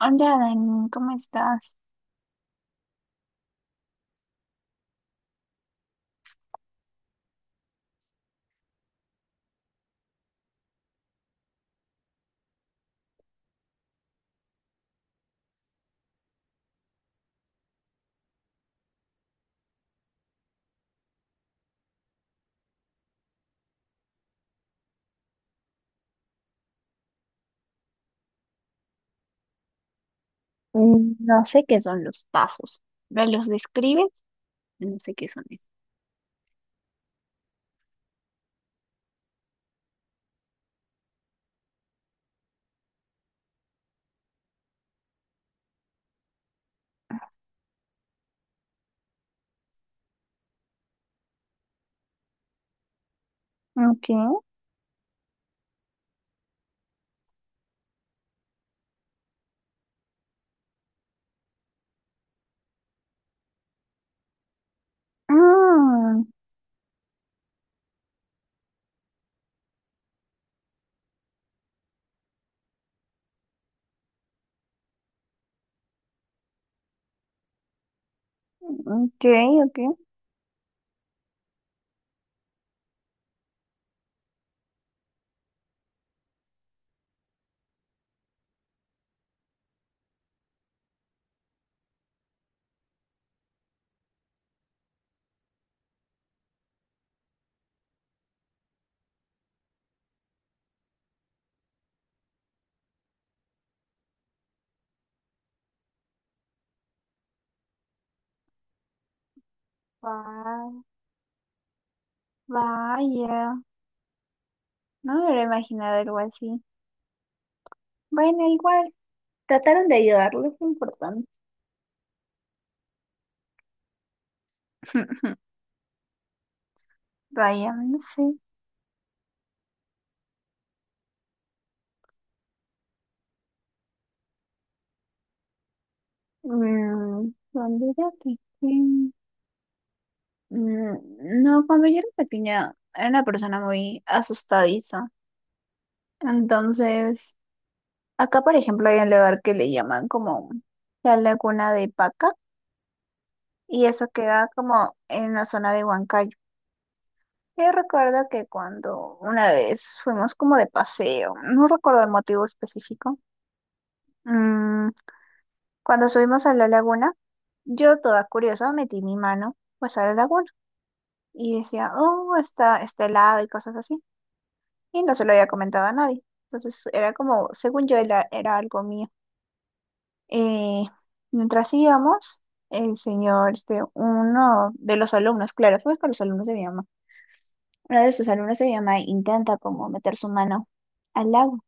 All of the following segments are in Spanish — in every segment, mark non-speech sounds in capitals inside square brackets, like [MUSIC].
Hola, Dani, ¿cómo estás? No sé qué son los pasos. ¿Me los describes? No sé qué son eso. Okay. Ah, ok, ok. Va- vaya, no me hubiera imaginado algo así. Bueno, igual, trataron de ayudarlo, es importante. [LAUGHS] Vaya, no sé. Cuando era pequeña. No, cuando yo era pequeña era una persona muy asustadiza. Entonces, acá, por ejemplo, hay un lugar que le llaman como la Laguna de Paca y eso queda como en la zona de Huancayo. Yo recuerdo que cuando una vez fuimos como de paseo, no recuerdo el motivo específico. mm, cuando subimos a la laguna, yo toda curiosa metí mi mano pues a la laguna y decía, oh, está helado y cosas así. Y no se lo había comentado a nadie. Entonces era como, según yo, era algo mío. Eh, mientras íbamos, el señor, este, uno de los alumnos, claro, fue con los alumnos de mi mamá, uno de sus alumnos de mi mamá intenta como meter su mano al agua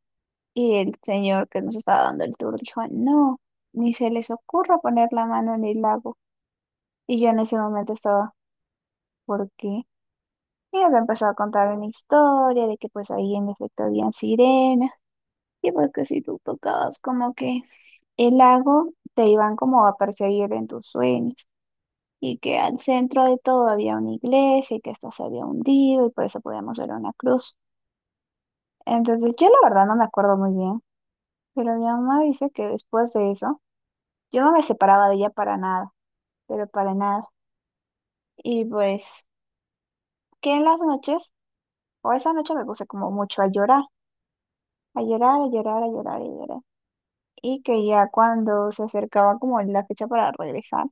y el señor que nos estaba dando el tour dijo, no, ni se les ocurra poner la mano en el lago. Y yo en ese momento estaba, ¿por qué? Y nos empezó a contar una historia de que pues ahí en efecto habían sirenas y pues que si tú tocabas como que el lago te iban como a perseguir en tus sueños, y que al centro de todo había una iglesia y que esta se había hundido y por eso podíamos ver una cruz. Entonces, yo la verdad no me acuerdo muy bien, pero mi mamá dice que después de eso, yo no me separaba de ella para nada, pero para nada. Y pues, que en las noches, o esa noche me puse como mucho a llorar, a llorar, a llorar, a llorar, a llorar. Y que ya cuando se acercaba como la fecha para regresar,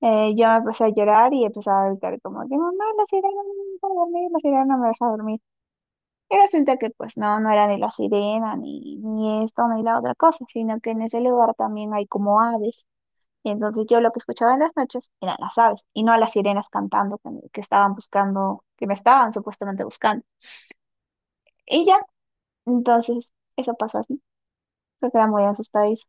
yo me empecé a llorar y empezaba a gritar como que mamá, la sirena no me deja dormir, la sirena no me deja dormir. Y resulta que pues no, no era ni la sirena, ni esto, ni la otra cosa, sino que en ese lugar también hay como aves. Y entonces yo lo que escuchaba en las noches eran las aves y no a las sirenas cantando que, que estaban buscando, que me estaban supuestamente buscando. Y ya, entonces eso pasó así. Se quedé muy asustadís.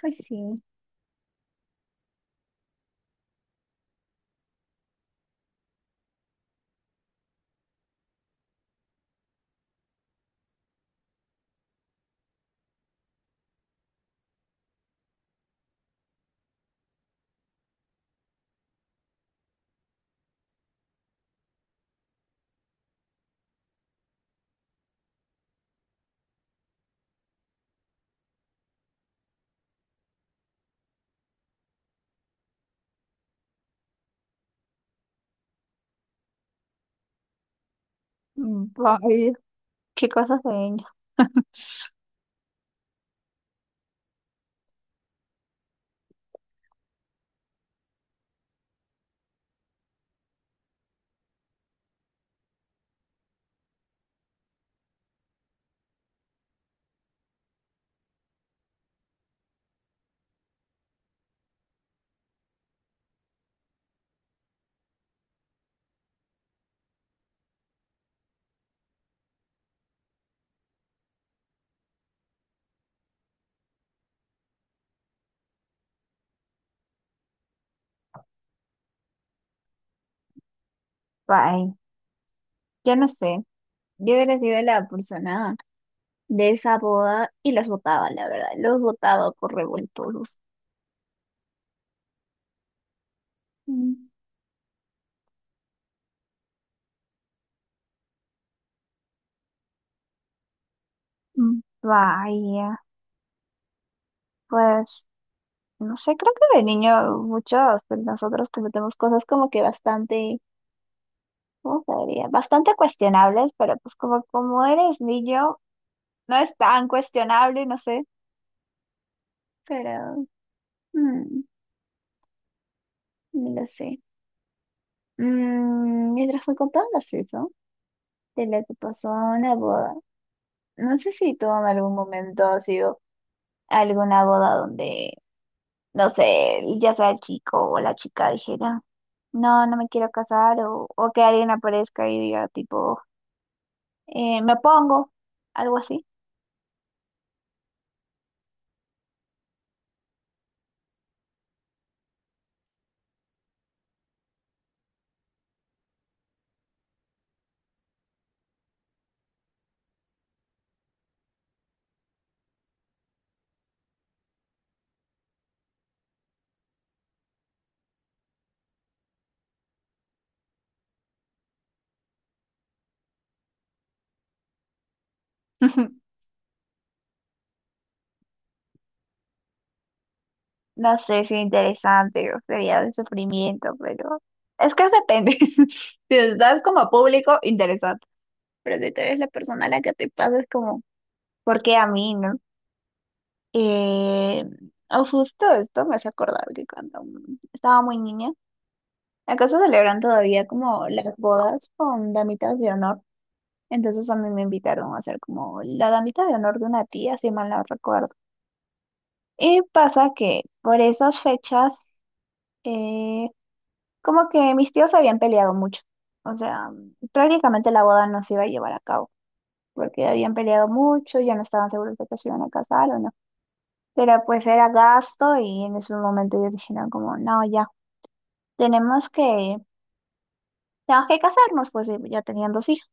Pues sí. Vaya. Qué cosas de niño. Vaya. Yo no sé. Yo hubiera sido la persona de esa boda y los votaba, la verdad. Los votaba por revoltosos. Mm. Vaya, pues no sé, creo que de niño muchos de nosotros cometemos cosas como que bastante, ¿cómo se diría? Bastante cuestionables, pero pues como, como eres niño, no es tan cuestionable, no sé, pero mm, no lo sé. Mientras me contabas eso, de lo que pasó en la boda, no sé si tú en algún momento has ido a alguna boda donde no sé, ya sea el chico o la chica dijera, no, no me quiero casar, o que alguien aparezca y diga, tipo, me pongo, algo así. [LAUGHS] No sé si interesante o sería de sufrimiento, pero es que depende. [LAUGHS] Si estás como público, interesante. Pero si tú eres la persona a la que te pasa, es como, ¿por qué a mí, no? Eh, o justo esto me hace acordar que cuando estaba muy niña, acaso celebran todavía como las bodas con damitas de honor. Entonces a mí me invitaron a hacer como la damita de honor de una tía, si mal no recuerdo. Y pasa que por esas fechas, eh, como que mis tíos habían peleado mucho. O sea, prácticamente la boda no se iba a llevar a cabo, porque habían peleado mucho, ya no estaban seguros de que se iban a casar o no. Pero pues era gasto y en ese momento ellos dijeron como, no, ya, tenemos que, tenemos que casarnos, pues y ya tenían dos hijos.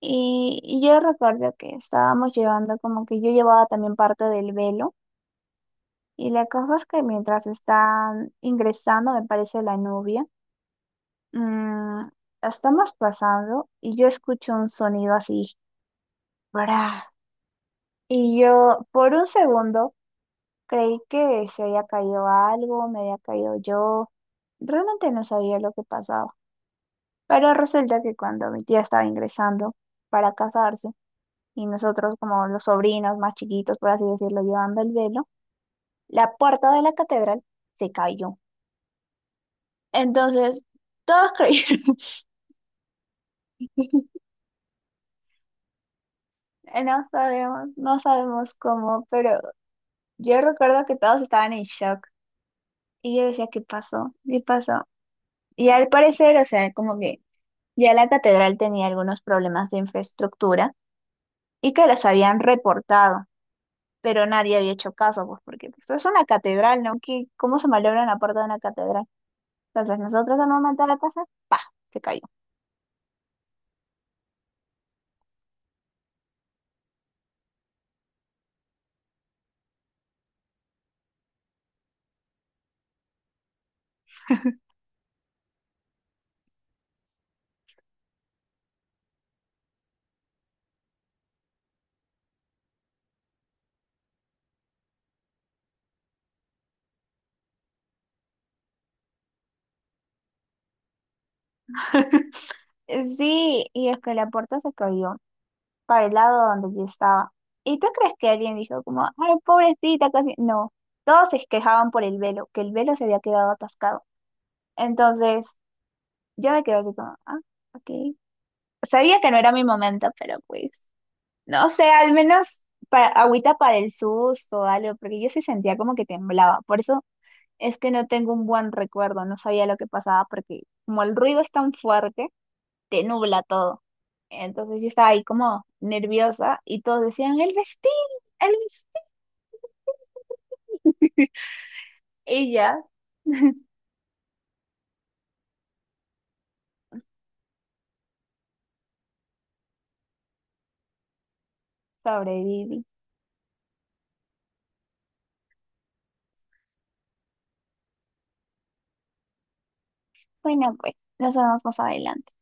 Y yo recuerdo que estábamos llevando, como que yo llevaba también parte del velo. Y la cosa es que mientras están ingresando, me parece la novia, mm, estamos pasando y yo escucho un sonido así, ¡bra! Y yo por un segundo creí que se había caído algo, me había caído yo. Realmente no sabía lo que pasaba. Pero resulta que cuando mi tía estaba ingresando para casarse, y nosotros como los sobrinos más chiquitos, por así decirlo, llevando el velo, la puerta de la catedral se cayó. Entonces, todos creyeron, [LAUGHS] no sabemos, no sabemos cómo, pero yo recuerdo que todos estaban en shock y yo decía, ¿qué pasó? ¿Qué pasó? Y al parecer, o sea, como que ya la catedral tenía algunos problemas de infraestructura y que los habían reportado. Pero nadie había hecho caso, pues porque pues, es una catedral, ¿no? ¿Cómo se malogra la puerta de una catedral? Entonces nosotros al momento de pasar, se cayó. [LAUGHS] Sí, y es que la puerta se cayó para el lado donde yo estaba. ¿Y tú crees que alguien dijo como, ay, pobrecita, casi? No, todos se quejaban por el velo, que el velo se había quedado atascado. Entonces, yo me quedé así como, ah, ok. Sabía que no era mi momento, pero pues, no sé, al menos para, agüita para el susto o algo, porque yo sí sentía como que temblaba. Por eso es que no tengo un buen recuerdo, no sabía lo que pasaba porque como el ruido es tan fuerte, te nubla todo. Entonces yo estaba ahí como nerviosa y todos decían, el vestido, el vestido. Y ya sobreviví. Bueno, pues nos vemos más adelante.